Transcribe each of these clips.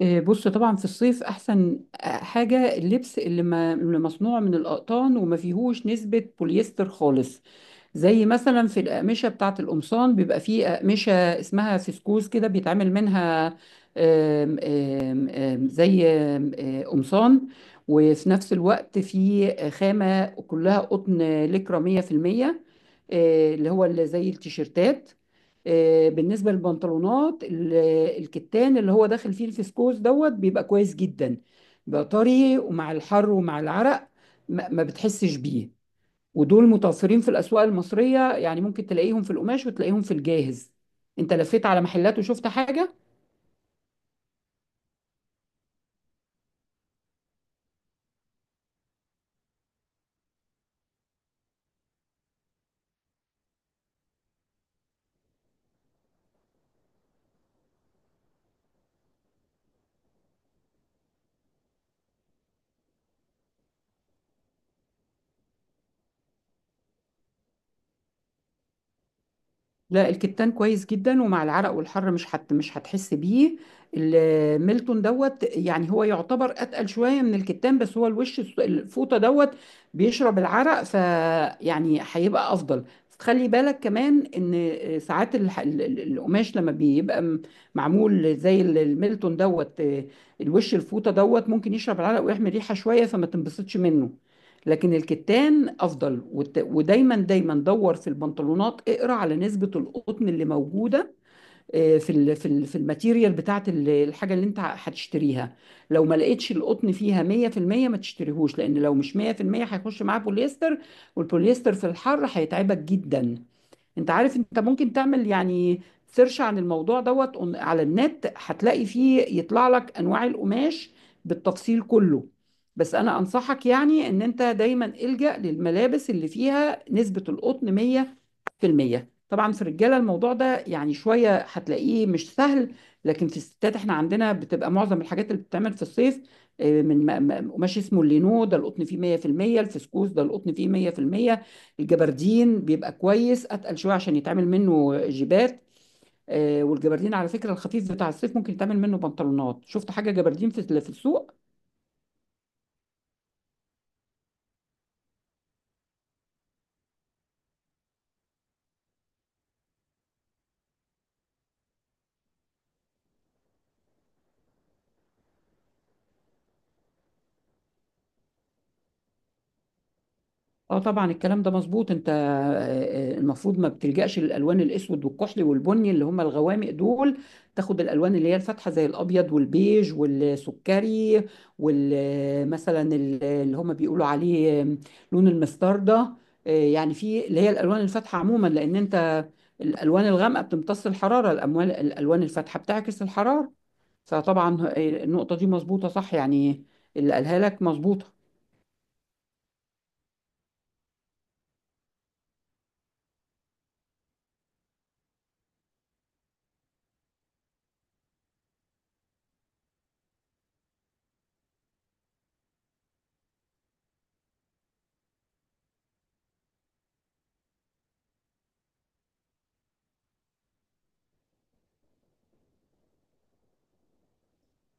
بص، طبعا في الصيف احسن حاجه اللبس اللي, ما اللي مصنوع من الاقطان وما فيهوش نسبه بوليستر خالص. زي مثلا في الاقمشه بتاعه القمصان بيبقى فيه اقمشه اسمها فسكوز كده بيتعمل منها. آم، آم، آم، زي آم، آه، قمصان، وفي نفس الوقت فيه خامه كلها قطن لكرة 100%. اللي هو زي التيشيرتات. بالنسبة للبنطلونات الكتان اللي هو داخل فيه الفسكوز دوت بيبقى كويس جدا، بيبقى طري، ومع الحر ومع العرق ما بتحسش بيه. ودول متوفرين في الأسواق المصرية، يعني ممكن تلاقيهم في القماش وتلاقيهم في الجاهز. انت لفيت على محلات وشفت حاجة؟ لا، الكتان كويس جدا، ومع العرق والحر مش مش هتحس بيه. الميلتون دوت يعني هو يعتبر اتقل شويه من الكتان، بس هو الوش الفوطه دوت بيشرب العرق، فيعني هيبقى افضل. خلي بالك كمان ان ساعات القماش لما بيبقى معمول زي الميلتون دوت، الوش الفوطه دوت ممكن يشرب العرق ويحمل ريحه شويه، فما تنبسطش منه. لكن الكتان افضل، ودايما دايما دور في البنطلونات، اقرا على نسبه القطن اللي موجوده في الماتيريال بتاعت الحاجه اللي انت هتشتريها. لو ما لقيتش القطن فيها 100% ما تشتريهوش، لان لو مش 100% هيخش معاه بوليستر، والبوليستر في الحر هيتعبك جدا. انت عارف انت ممكن تعمل يعني سيرش عن الموضوع دوت على النت، هتلاقي فيه يطلع لك انواع القماش بالتفصيل كله. بس انا انصحك يعني ان انت دايما الجأ للملابس اللي فيها نسبة القطن 100%. طبعا في الرجالة الموضوع ده يعني شوية هتلاقيه مش سهل، لكن في الستات احنا عندنا بتبقى معظم الحاجات اللي بتتعمل في الصيف من قماش اسمه اللينو، ده القطن فيه 100%. الفسكوس ده القطن فيه 100%. الجبردين بيبقى كويس، اتقل شوية عشان يتعمل منه جيبات. والجبردين على فكرة الخفيف بتاع الصيف ممكن يتعمل منه بنطلونات. شفت حاجة جبردين في السوق؟ اه طبعا الكلام ده مظبوط. انت المفروض ما بتلجأش للالوان الاسود والكحلي والبني اللي هم الغوامق دول، تاخد الالوان اللي هي الفاتحه زي الابيض والبيج والسكري، والمثلا اللي هم بيقولوا عليه لون المستردة. يعني في اللي هي الالوان الفاتحه عموما، لان انت الالوان الغامقه بتمتص الحراره، الاموال الالوان الفاتحه بتعكس الحراره. فطبعا النقطه دي مظبوطه صح، يعني اللي قالها لك مظبوطه.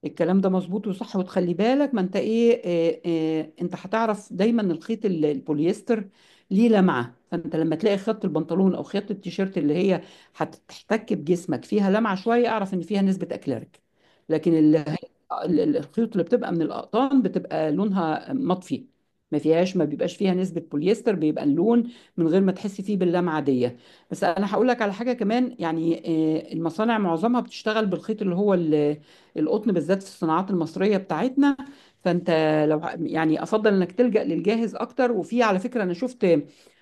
الكلام ده مظبوط وصح، وتخلي بالك، ما انت ايه. اه اه انت هتعرف دايما الخيط البوليستر ليه لمعه، فانت لما تلاقي خيط البنطلون او خيط التيشيرت اللي هي هتحتك بجسمك فيها لمعه شويه، اعرف ان فيها نسبه اكليريك. لكن الخيوط اللي بتبقى من الاقطان بتبقى لونها مطفي، ما بيبقاش فيها نسبة بوليستر، بيبقى اللون من غير ما تحسي فيه باللمعة دي. بس انا هقول لك على حاجة كمان يعني، المصانع معظمها بتشتغل بالخيط اللي هو القطن، بالذات في الصناعات المصرية بتاعتنا. فانت يعني افضل انك تلجأ للجاهز اكتر. وفي على فكرة انا شفت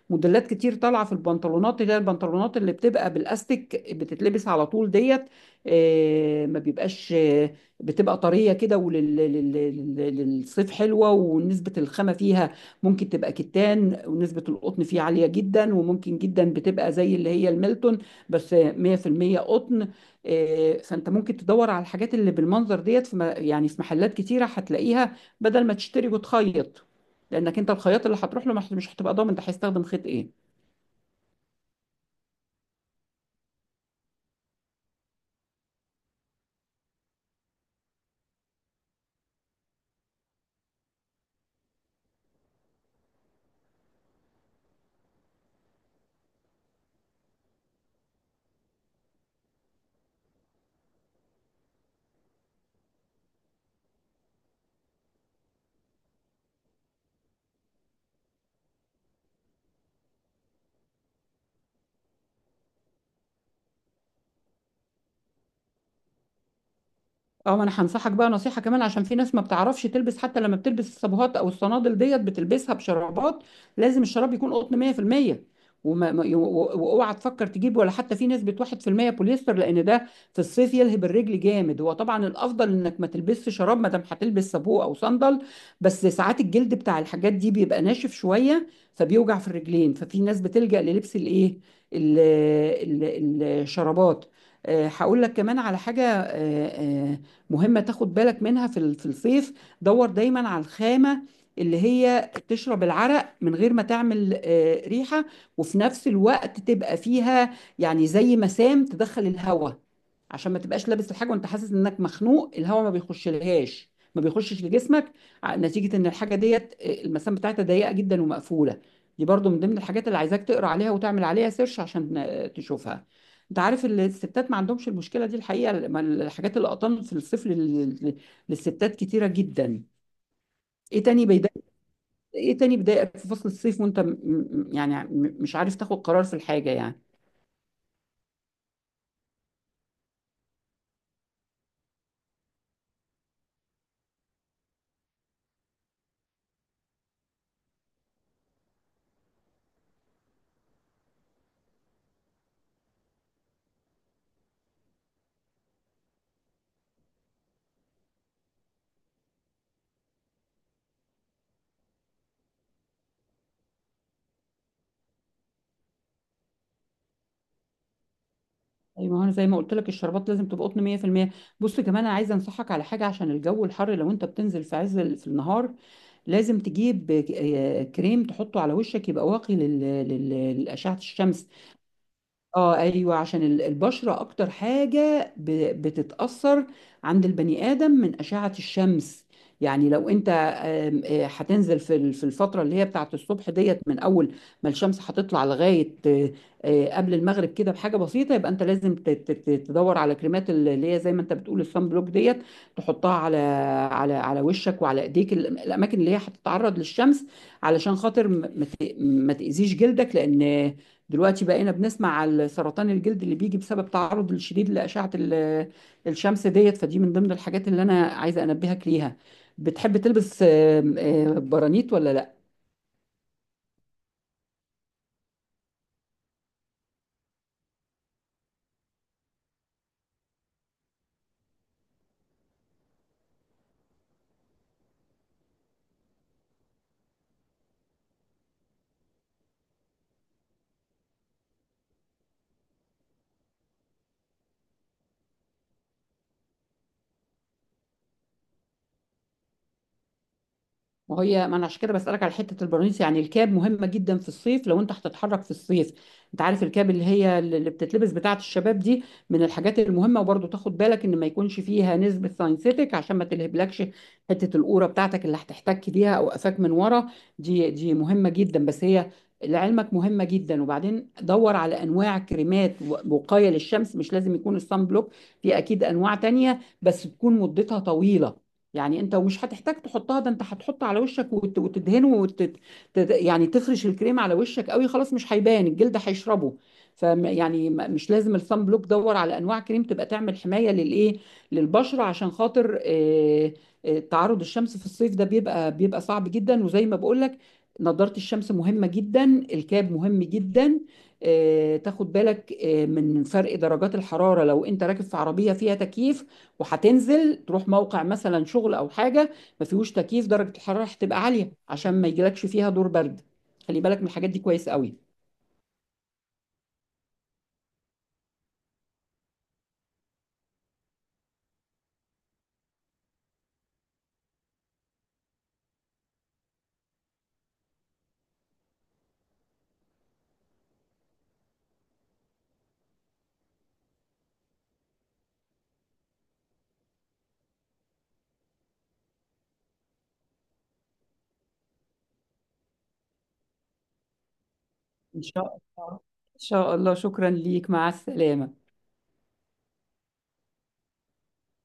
موديلات كتير طالعة في البنطلونات، اللي هي البنطلونات اللي بتبقى بالاستيك بتتلبس على طول ديت. ما بيبقاش، بتبقى طريه كده، وللصيف حلوه، ونسبه الخامه فيها ممكن تبقى كتان، ونسبه القطن فيها عاليه جدا، وممكن جدا بتبقى زي اللي هي الميلتون بس 100% قطن. فانت ممكن تدور على الحاجات اللي بالمنظر ديت يعني في محلات كتيره هتلاقيها، بدل ما تشتري وتخيط، لانك انت الخياط اللي هتروح له مش هتبقى ضامن ده هيستخدم خيط ايه. اه، ما انا هنصحك بقى نصيحة كمان، عشان في ناس ما بتعرفش تلبس، حتى لما بتلبس الصابوهات او الصنادل ديت بتلبسها بشرابات. لازم الشراب يكون قطن 100%، وما ما- و- و- واوعى تفكر تجيب ولا حتى في ناس بت 1% بوليستر، لان ده في الصيف يلهب الرجل جامد. هو طبعا الافضل انك ما تلبسش شراب ما دام هتلبس صابوه او صندل، بس ساعات الجلد بتاع الحاجات دي بيبقى ناشف شوية فبيوجع في الرجلين، ففي ناس بتلجأ للبس الايه، ال- الشرابات. هقول لك كمان على حاجة مهمة تاخد بالك منها في الصيف. دور دايما على الخامة اللي هي تشرب العرق من غير ما تعمل ريحة، وفي نفس الوقت تبقى فيها يعني زي مسام تدخل الهواء، عشان ما تبقاش لابس الحاجة وانت حاسس انك مخنوق، الهواء ما بيخش لهاش، ما بيخشش لجسمك نتيجة ان الحاجة ديت المسام بتاعتها ضيقة جدا ومقفولة. دي برضو من ضمن الحاجات اللي عايزاك تقرا عليها وتعمل عليها سيرش عشان تشوفها. انت عارف الستات ما عندهمش المشكله دي الحقيقه، لما الحاجات القطن في الصيف للستات كتيره جدا. ايه تاني بيضايق ايه تاني بيضايقك في فصل الصيف وانت يعني مش عارف تاخد قرار في الحاجه يعني؟ أي، ما هو انا زي ما قلت لك الشربات لازم تبقى قطن 100%. بص كمان انا عايزه انصحك على حاجه عشان الجو الحر، لو انت بتنزل في عز في النهار لازم تجيب كريم تحطه على وشك يبقى واقي لأشعة الشمس. اه ايوه، عشان البشره اكتر حاجه بتتاثر عند البني ادم من اشعه الشمس. يعني لو انت آم، آه، هتنزل في الفتره اللي هي بتاعت الصبح ديت، من اول ما الشمس هتطلع لغايه قبل المغرب كده بحاجه بسيطه، يبقى انت لازم تدور على كريمات اللي هي زي ما انت بتقول الصن بلوك ديت، تحطها على وشك وعلى ايديك الاماكن اللي هي هتتعرض للشمس، علشان خاطر ما تاذيش جلدك، لان دلوقتي بقينا بنسمع على سرطان الجلد اللي بيجي بسبب تعرض الشديد لأشعة الشمس ديت. فدي من ضمن الحاجات اللي أنا عايزة أنبهك ليها. بتحب تلبس آم، آم، برانيت ولا لا؟ ما هي ما انا عشان كده بسألك على حتة البرانيس، يعني الكاب مهمة جدا في الصيف لو انت هتتحرك في الصيف. انت عارف الكاب اللي هي اللي بتتلبس بتاعة الشباب دي، من الحاجات المهمة، وبرضه تاخد بالك ان ما يكونش فيها نسبة ساينسيتك عشان ما تلهبلكش حتة القورة بتاعتك اللي هتحتك بيها او قفاك من ورا. دي مهمة جدا، بس هي لعلمك مهمة جدا. وبعدين دور على انواع كريمات وقاية للشمس، مش لازم يكون الصن بلوك، في اكيد انواع تانية بس تكون مدتها طويلة. يعني انت ومش هتحتاج تحطها ده، انت هتحط على وشك وتدهنه يعني تفرش الكريم على وشك قوي خلاص مش هيبان، الجلد هيشربه. ف يعني مش لازم الصن بلوك، دور على انواع كريم تبقى تعمل حمايه للبشره، عشان خاطر تعرض الشمس في الصيف ده بيبقى صعب جدا. وزي ما بقول لك نضاره الشمس مهمه جدا، الكاب مهم جدا. تاخد بالك من فرق درجات الحراره، لو انت راكب في عربيه فيها تكييف وهتنزل تروح موقع مثلا شغل او حاجه ما فيهوش تكييف، درجه الحراره هتبقى عاليه، عشان ما يجيلكش فيها دور برد. خلي بالك من الحاجات دي كويس قوي. إن شاء الله. إن شاء الله، شكرا ليك، مع السلامة.